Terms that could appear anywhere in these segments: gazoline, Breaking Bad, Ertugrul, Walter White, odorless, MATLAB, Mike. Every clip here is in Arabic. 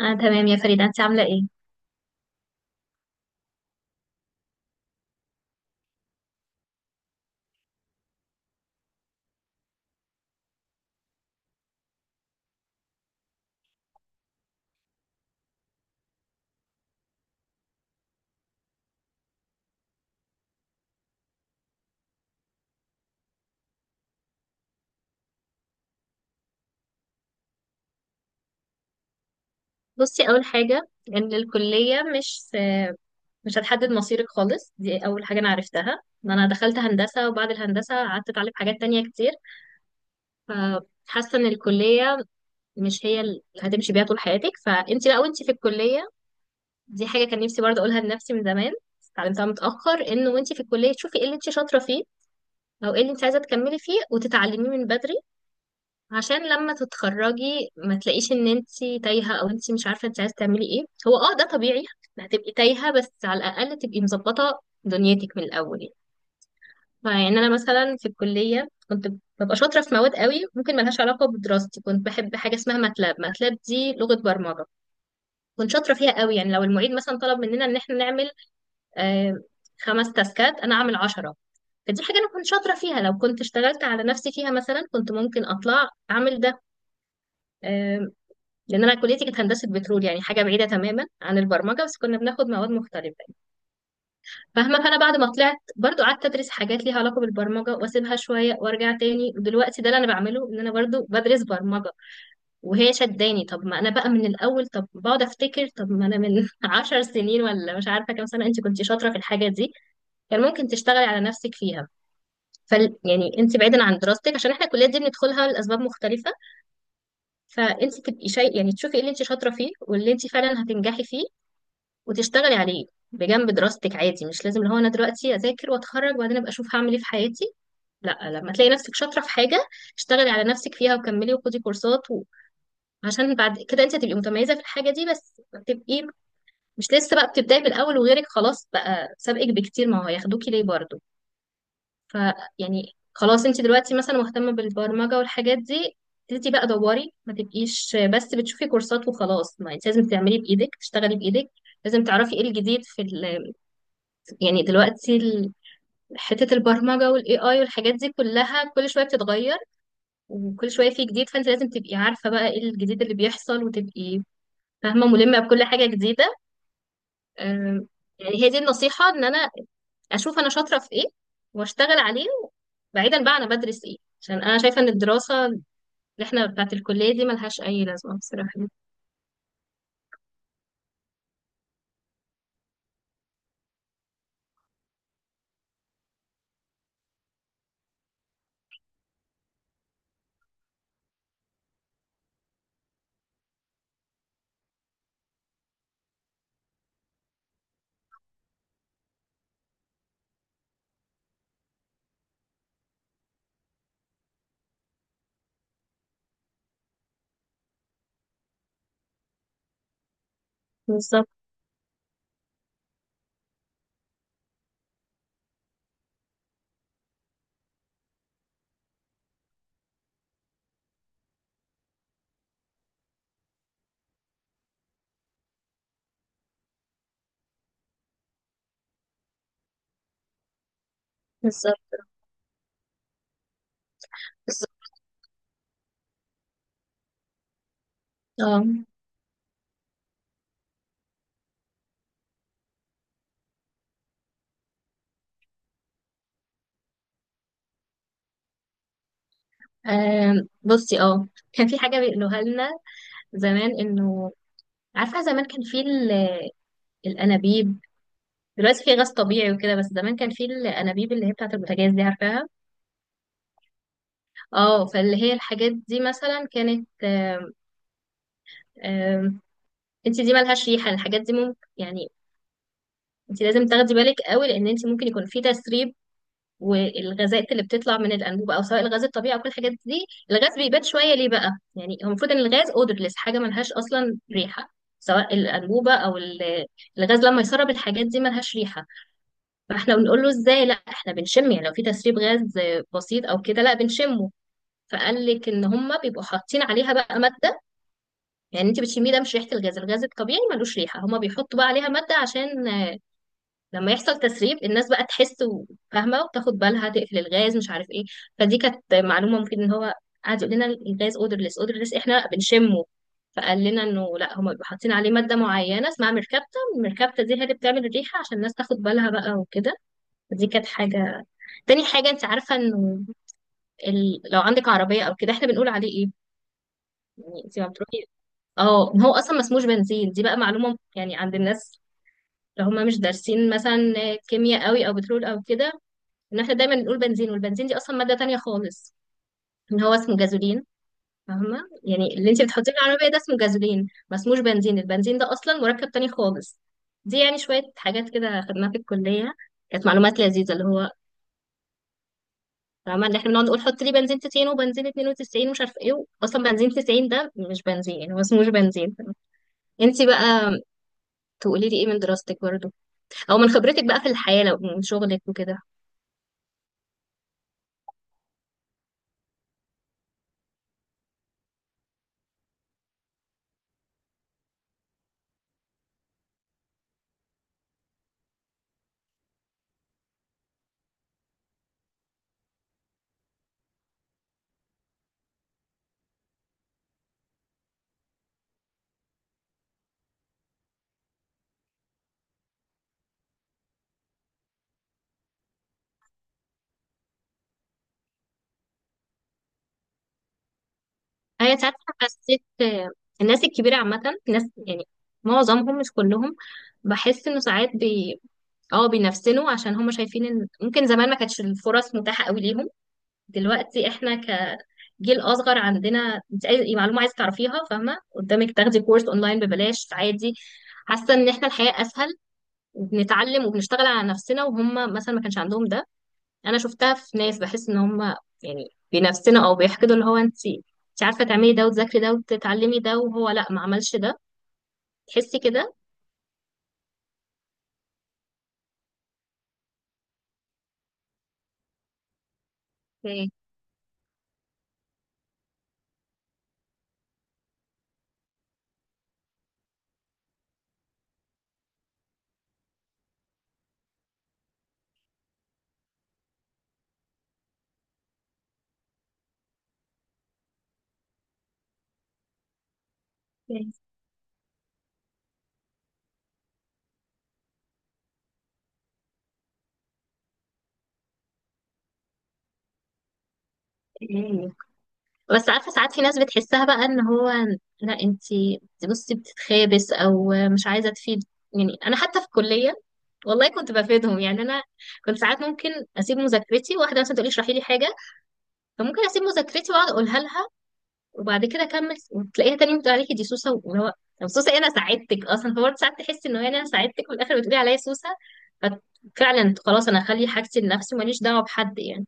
آه تمام يا فريدة، انت عاملة ايه؟ بصي، اول حاجة ان الكلية مش هتحدد مصيرك خالص. دي اول حاجة انا عرفتها، ان انا دخلت هندسة وبعد الهندسة قعدت اتعلم حاجات تانية كتير. فحاسة ان الكلية مش هي اللي هتمشي بيها طول حياتك، فانت بقى وانت في الكلية. دي حاجة كان نفسي برضه اقولها لنفسي من زمان، بس اتعلمتها متأخر، انه وانت في الكلية تشوفي ايه اللي انت شاطرة فيه، او ايه اللي انت عايزة تكملي فيه وتتعلميه من بدري، عشان لما تتخرجي ما تلاقيش ان انتي تايهة، او انتي مش عارفة انتي عايزة تعملي ايه. هو اه، ده طبيعي، هتبقي تايهة بس على الاقل تبقي مظبطة دنيتك من الاول يعني. فيعني انا مثلا في الكلية كنت ببقى شاطرة في مواد قوي ممكن ملهاش علاقة بدراستي، كنت بحب حاجة اسمها ماتلاب، ماتلاب دي لغة برمجة، كنت شاطرة فيها قوي. يعني لو المعيد مثلا طلب مننا ان احنا نعمل آه خمس تاسكات، انا اعمل عشرة. فدي حاجة أنا كنت شاطرة فيها، لو كنت اشتغلت على نفسي فيها مثلا كنت ممكن أطلع أعمل ده آه، لان انا كليتي كانت هندسه بترول، يعني حاجه بعيده تماما عن البرمجه، بس كنا بناخد مواد مختلفه يعني. فاهمه، فانا بعد ما طلعت برضو قعدت ادرس حاجات ليها علاقه بالبرمجه، واسيبها شويه وارجع تاني، ودلوقتي ده اللي انا بعمله، ان انا برضو بدرس برمجه. وهي شداني، طب ما انا بقى من الاول، طب بقعد افتكر، طب ما انا من 10 سنين ولا مش عارفه كام سنه انت كنت شاطره في الحاجه دي، كان ممكن تشتغلي على نفسك فيها. فال يعني انت بعيدا عن دراستك، عشان احنا الكليات دي بندخلها لاسباب مختلفه، فانت تبقي شيء، يعني تشوفي ايه اللي انت شاطره فيه واللي انت فعلا هتنجحي فيه، وتشتغلي عليه بجنب دراستك عادي. مش لازم اللي هو انا دلوقتي اذاكر واتخرج وبعدين ابقى اشوف هعمل ايه في حياتي، لا، لما تلاقي نفسك شاطره في حاجه اشتغلي على نفسك فيها وكملي وخدي كورسات عشان بعد كده انت هتبقي متميزه في الحاجه دي بس. تبقي مش لسه بقى بتبداي من الاول وغيرك خلاص بقى سابقك بكتير، ما هو هياخدوكي ليه برضه؟ ف يعني خلاص، انت دلوقتي مثلا مهتمه بالبرمجه والحاجات دي، ابتدي بقى دوري، ما تبقيش بس بتشوفي كورسات وخلاص، ما انت لازم تعملي بايدك، تشتغلي بايدك، لازم تعرفي ايه الجديد في. يعني دلوقتي حتة البرمجة والاي اي والحاجات دي كلها كل شوية بتتغير، وكل شوية في جديد، فانت لازم تبقي عارفة بقى ايه الجديد اللي بيحصل، وتبقي فاهمة ملمة بكل حاجة جديدة. أم، يعني هي دي النصيحة، ان انا اشوف انا شاطرة في ايه واشتغل عليه، بعيدا بقى انا بدرس ايه، عشان انا شايفة ان الدراسة اللي احنا بتاعت الكلية دي ملهاش اي لازمة بصراحة. بالظبط. بالظبط. بالظبط. اه. بصي اه، كان في حاجة بيقولوها لنا زمان، انه عارفة زمان كان في الأنابيب، دلوقتي في غاز طبيعي وكده بس زمان كان في الأنابيب اللي هي بتاعة البوتاجاز دي، عارفاها؟ اه، فاللي هي الحاجات دي مثلا كانت آم، آم، انت دي ملهاش ريحة، الحاجات دي ممكن يعني انت لازم تاخدي بالك قوي، لأن انت ممكن يكون في تسريب. والغازات اللي بتطلع من الأنبوبة، أو سواء الغاز الطبيعي، أو كل الحاجات دي، الغاز بيبات شوية ليه بقى، يعني هو المفروض إن الغاز odorless، حاجة ملهاش أصلا ريحة، سواء الأنبوبة أو الغاز لما يسرب الحاجات دي ملهاش ريحة. فاحنا بنقول له ازاي، لا احنا بنشم، يعني لو في تسريب غاز بسيط او كده لا بنشمه. فقال لك ان هم بيبقوا حاطين عليها بقى ماده، يعني انت بتشميه، ده مش ريحه الغاز، الغاز الطبيعي ملوش ريحه، هم بيحطوا بقى عليها ماده عشان لما يحصل تسريب الناس بقى تحس وفاهمه وتاخد بالها تقفل الغاز مش عارف ايه. فدي كانت معلومه مفيد، ان هو قعد يقول لنا الغاز odorless، احنا لا بنشمه، فقال لنا انه لا، هم بيبقوا حاطين عليه ماده معينه اسمها المركبته دي هي اللي بتعمل الريحه عشان الناس تاخد بالها بقى وكده. فدي كانت حاجه. تاني حاجة، انت عارفة انه لو عندك عربية او كده احنا بنقول عليه ايه. يعني انت ما بتروحي اه، ما هو اصلا ما اسموش بنزين، دي بقى معلومة يعني عند الناس لو هم مش دارسين مثلا كيمياء قوي او بترول او كده، ان احنا دايما نقول بنزين، والبنزين دي اصلا مادة تانية خالص، ان هو اسمه جازولين. فاهمة، يعني اللي انت بتحطيه في العربية ده اسمه جازولين، ما اسموش بنزين، البنزين ده اصلا مركب تاني خالص. دي يعني شوية حاجات كده خدناها في الكلية، كانت معلومات لذيذة اللي هو فاهمة، اللي احنا بنقعد نقول حط لي بنزين 90 وبنزين 92 ومش عارفة ايه، اصلا بنزين 90 ده مش بنزين، يعني هو اسمه مش بنزين. انتي بقى تقولي لي ايه من دراستك برضه، او من خبرتك بقى في الحياة لو من شغلك وكده؟ هي ساعات حسيت الناس الكبيرة عامة، ناس يعني معظمهم مش كلهم، بحس انه ساعات بي اه بينفسنوا، عشان هم شايفين ان ممكن زمان ما كانتش الفرص متاحة قوي ليهم. دلوقتي احنا كجيل اصغر عندنا، انت اي معلومه عايزه تعرفيها فاهمه قدامك، تاخدي كورس اونلاين ببلاش عادي. حاسه ان احنا الحياه اسهل، وبنتعلم وبنشتغل على نفسنا، وهم مثلا ما كانش عندهم ده. انا شفتها في ناس، بحس ان هم يعني بنفسنا او بيحقدوا، اللي هو انت عارفه تعملي ده وتذاكري ده وتتعلمي ده، وهو لا، ما عملش ده، تحسي كده. اوكي. بس عارفة ساعات في ناس بتحسها بقى، ان هو لا انتي بصي بتتخابس، او مش عايزة تفيد. يعني انا حتى في الكلية والله كنت بفيدهم، يعني انا كنت ساعات ممكن اسيب مذاكرتي، واحدة مثلا تقولي اشرحي لي حاجة، فممكن اسيب مذاكرتي واقعد اقولها لها، وبعد كده اكمل، وتلاقيها تاني بتقول عليكي دي سوسة، واللي هو طب سوسة إيه، انا ساعدتك اصلا. فبرضه ساعات تحسي ان هو يعني انا ساعدتك وفي الاخر بتقولي عليا سوسة، ففعلا خلاص انا اخلي حاجتي لنفسي، ماليش دعوة بحد يعني.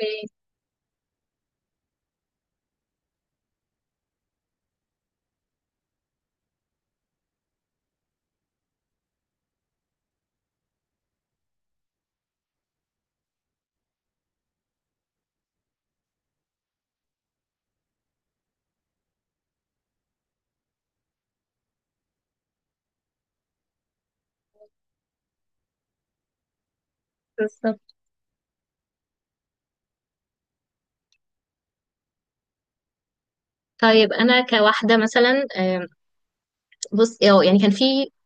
اوكي، بالظبط. طيب انا كواحدة مثلا بص يعني كان في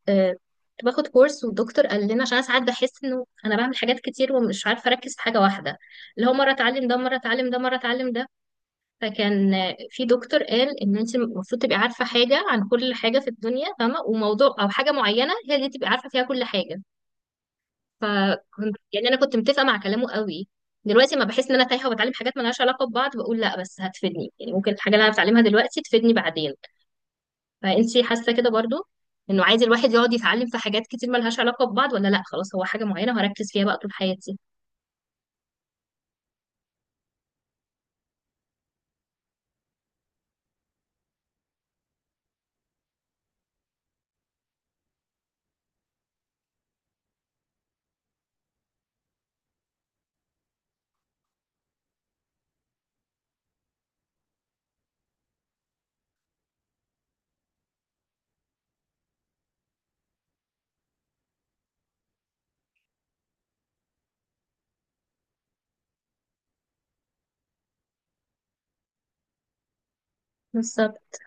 آه، كنت باخد كورس والدكتور قال لنا، عشان انا ساعات بحس انه انا بعمل حاجات كتير ومش عارفه اركز في حاجه واحده، اللي هو مره اتعلم ده، مره اتعلم ده، مره اتعلم ده. فكان في دكتور قال ان انت المفروض تبقي عارفه حاجه عن كل حاجه في الدنيا فاهمه، وموضوع او حاجه معينه هي اللي تبقي عارفه فيها كل حاجه. فكنت، يعني انا كنت متفقه مع كلامه قوي. دلوقتي ما بحس ان انا تايهه وبتعلم حاجات مالهاش علاقه ببعض، بقول لا بس هتفيدني، يعني ممكن الحاجه اللي انا بتعلمها دلوقتي تفيدني بعدين. فانتي حاسه كده برضو، انه عايز الواحد يقعد يتعلم في حاجات كتير ملهاش علاقه ببعض، ولا لا خلاص هو حاجه معينه هركز فيها بقى طول حياتي؟ بالظبط.